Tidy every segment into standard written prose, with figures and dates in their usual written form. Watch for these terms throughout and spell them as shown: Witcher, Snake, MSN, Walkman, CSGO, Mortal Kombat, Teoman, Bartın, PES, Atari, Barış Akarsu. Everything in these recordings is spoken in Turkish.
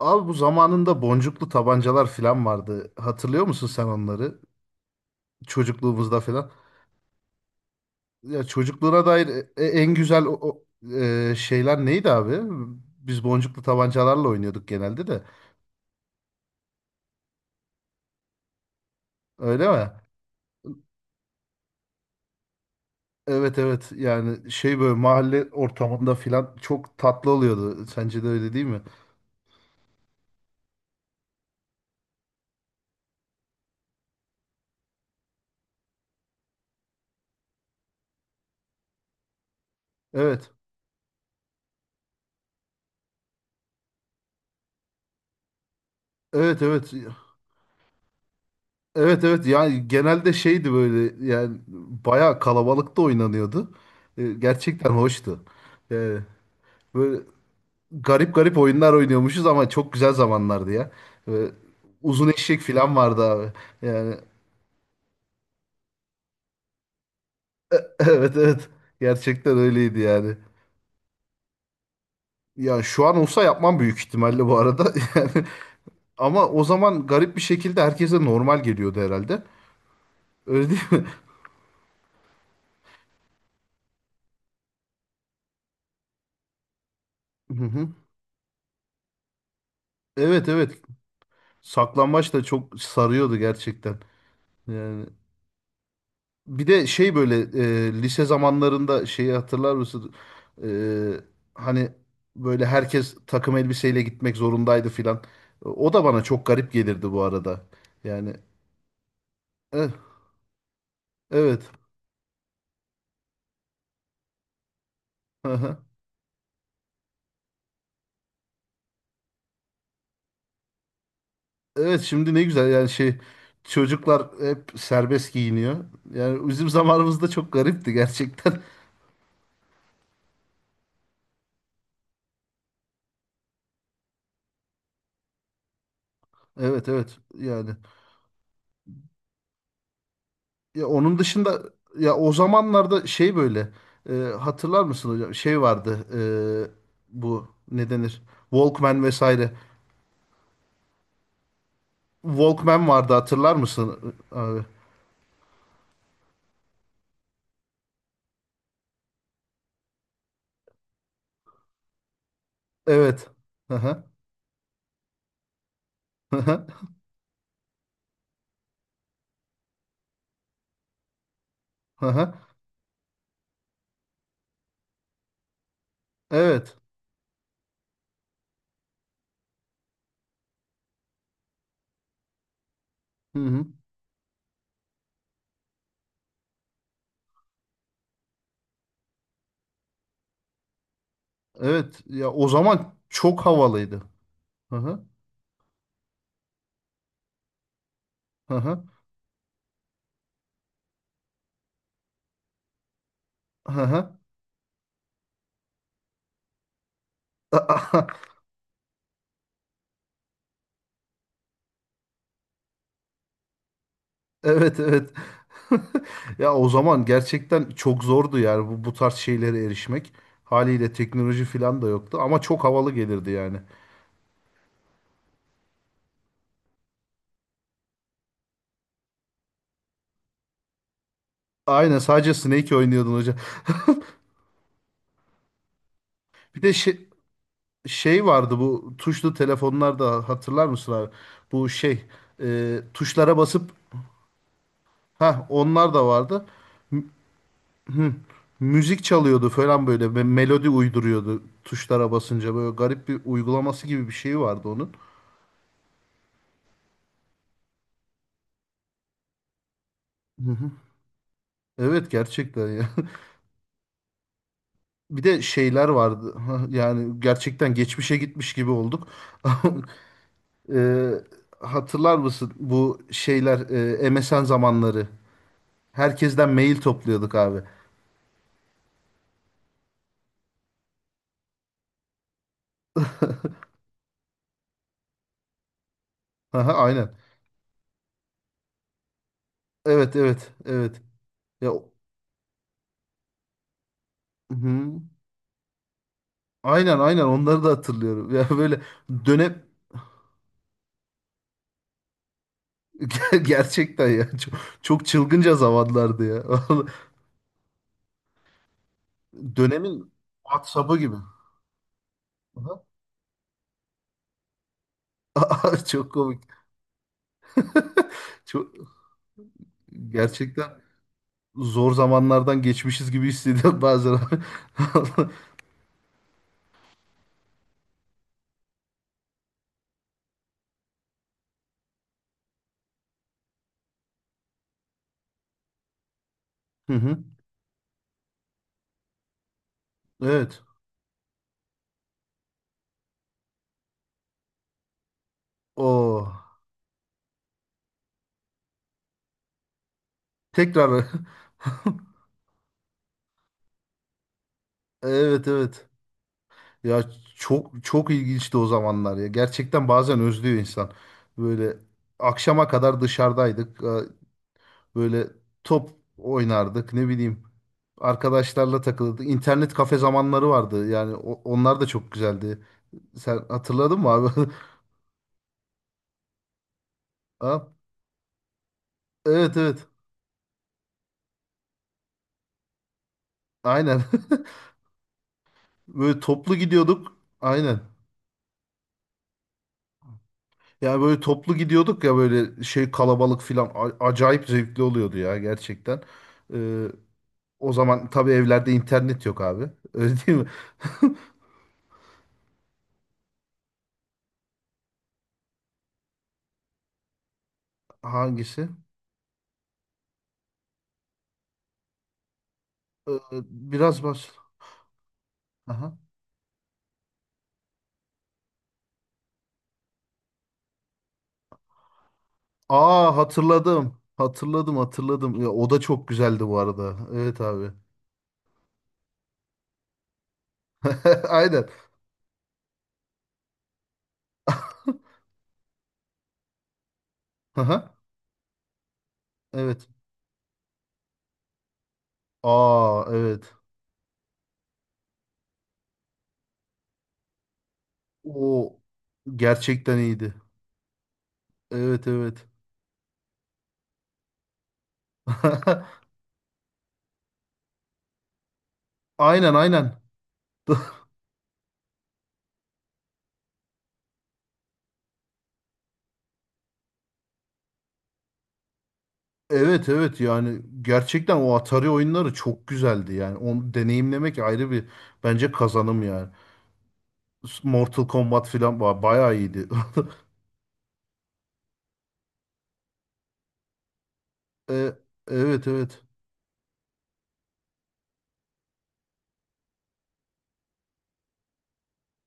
Abi bu zamanında boncuklu tabancalar falan vardı. Hatırlıyor musun sen onları? Çocukluğumuzda falan. Ya çocukluğuna dair en güzel şeyler neydi abi? Biz boncuklu tabancalarla oynuyorduk genelde de. Öyle mi? Evet, evet. Yani böyle mahalle ortamında falan çok tatlı oluyordu. Sence de öyle değil mi? Evet. Evet, evet. Evet, evet. Yani genelde böyle yani bayağı kalabalıkta oynanıyordu. Gerçekten hoştu. Yani böyle garip garip oyunlar oynuyormuşuz ama çok güzel zamanlardı ya. Ve uzun eşek falan vardı abi. Yani evet, evet, gerçekten öyleydi yani. Ya şu an olsa yapmam büyük ihtimalle bu arada. Yani ama o zaman garip bir şekilde herkese normal geliyordu herhalde. Öyle değil mi? Hı hı. Evet, evet. Saklambaç da çok sarıyordu gerçekten. Yani bir de böyle lise zamanlarında şeyi hatırlar mısın? E, Hani böyle herkes takım elbiseyle gitmek zorundaydı filan. O da bana çok garip gelirdi bu arada. Yani eh, evet. Aha. Evet, şimdi ne güzel yani çocuklar hep serbest giyiniyor. Yani bizim zamanımızda çok garipti gerçekten. Evet, evet yani. Ya onun dışında ya o zamanlarda böyle hatırlar mısın hocam? Şey vardı, bu ne denir? Walkman vesaire. Walkman vardı, hatırlar mısın abi? Evet. Hı hı. Hı hı. Hı hı. Evet. Hı hı. Evet. Ya o zaman çok havalıydı. Hı hı. Hı hı. Hı hı. Evet, evet. Ya o zaman gerçekten çok zordu yani bu tarz şeylere erişmek. Haliyle teknoloji falan da yoktu ama çok havalı gelirdi yani. Aynen, sadece Snake oynuyordun hocam. Bir de şey, Şey vardı bu tuşlu telefonlarda, hatırlar mısın abi? Bu şey Tuşlara basıp ha, onlar da vardı. Hı, Müzik çalıyordu falan, böyle melodi uyduruyordu tuşlara basınca, böyle garip bir uygulaması gibi bir şey vardı onun. Hı hı. Evet, gerçekten ya. Bir de şeyler vardı. Yani gerçekten geçmişe gitmiş gibi olduk. Ee, Hatırlar mısın bu MSN zamanları? Herkesten mail topluyorduk abi. Aha, aynen. Evet, evet, evet. Ya o- hı. Aynen, aynen, onları da hatırlıyorum. Ya böyle dönem Ger- gerçekten ya, çok çılgınca zamanlardı ya. Vallahi dönemin WhatsApp'ı gibi. Aha. Çok komik. Çok Gerçekten zor zamanlardan geçmişiz gibi hissediyorum bazen. Hı hı. Evet. O tekrar evet, evet. Ya, çok çok ilginçti o zamanlar ya. Gerçekten bazen özlüyor insan. Böyle akşama kadar dışarıdaydık. Böyle top oynardık, ne bileyim. Arkadaşlarla takılırdık. İnternet kafe zamanları vardı. Yani onlar da çok güzeldi. Sen hatırladın mı abi? Ha? Evet, evet. Aynen. Böyle toplu gidiyorduk. Aynen. Yani böyle toplu gidiyorduk ya, böyle kalabalık filan acayip zevkli oluyordu ya gerçekten. Ee, O zaman tabii evlerde internet yok abi. Öyle değil mi? Hangisi? Ee, Biraz baş. Aha. Aa, hatırladım. Hatırladım, hatırladım. Ya, o da çok güzeldi bu arada. Evet abi. Aynen. Aha, evet. Aa, evet. O gerçekten iyiydi. Evet, evet. Aynen, aynen. Evet, evet, yani gerçekten o Atari oyunları çok güzeldi, yani onu deneyimlemek ayrı bir bence kazanım yani. Mortal Kombat filan bayağı iyiydi. E, evet, evet,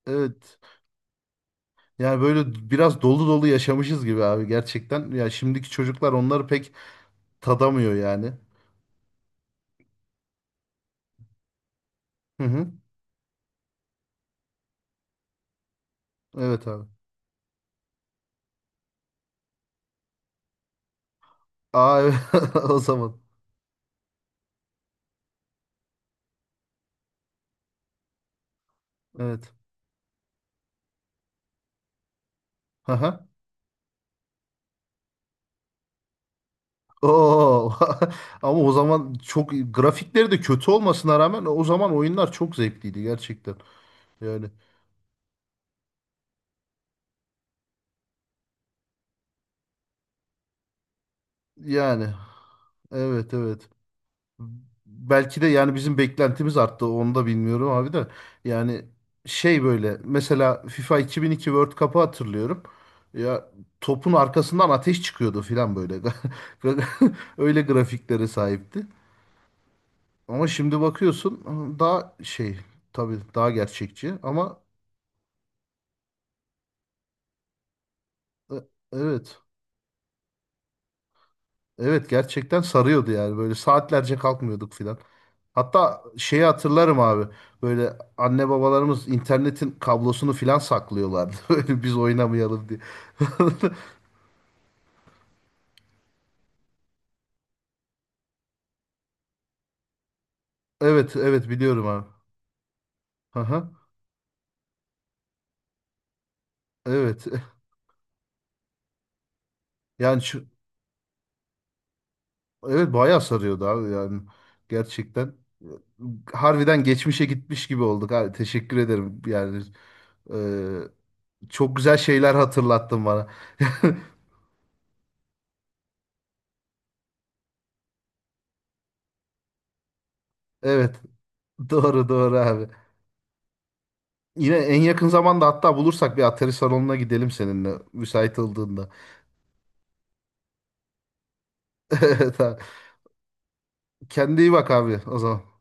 evet, yani böyle biraz dolu dolu yaşamışız gibi abi gerçekten ya, şimdiki çocuklar onları pek tadamıyor yani. Hı hı. Evet abi. Aa, evet o zaman evet. Aha. Oo. Ama o zaman çok, grafikleri de kötü olmasına rağmen, o zaman oyunlar çok zevkliydi gerçekten. Yani Yani evet, evet. Belki de yani bizim beklentimiz arttı. Onu da bilmiyorum abi de. Yani böyle mesela FIFA 2002 World Cup'ı hatırlıyorum. Ya topun arkasından ateş çıkıyordu filan böyle. Öyle grafiklere sahipti. Ama şimdi bakıyorsun daha tabii daha gerçekçi ama e, evet. Evet, gerçekten sarıyordu yani, böyle saatlerce kalkmıyorduk filan. Hatta şeyi hatırlarım abi. Böyle anne babalarımız internetin kablosunu filan saklıyorlardı böyle biz oynamayalım diye. Evet, evet biliyorum abi. Aha, evet. Yani şu, evet bayağı sarıyordu abi yani. Gerçekten. Harbiden geçmişe gitmiş gibi olduk abi. Teşekkür ederim. Yani, e, çok güzel şeyler hatırlattın bana. Evet. Doğru, doğru abi. Yine en yakın zamanda hatta bulursak bir Atari salonuna gidelim seninle müsait olduğunda. Evet, kendine iyi bak abi o zaman.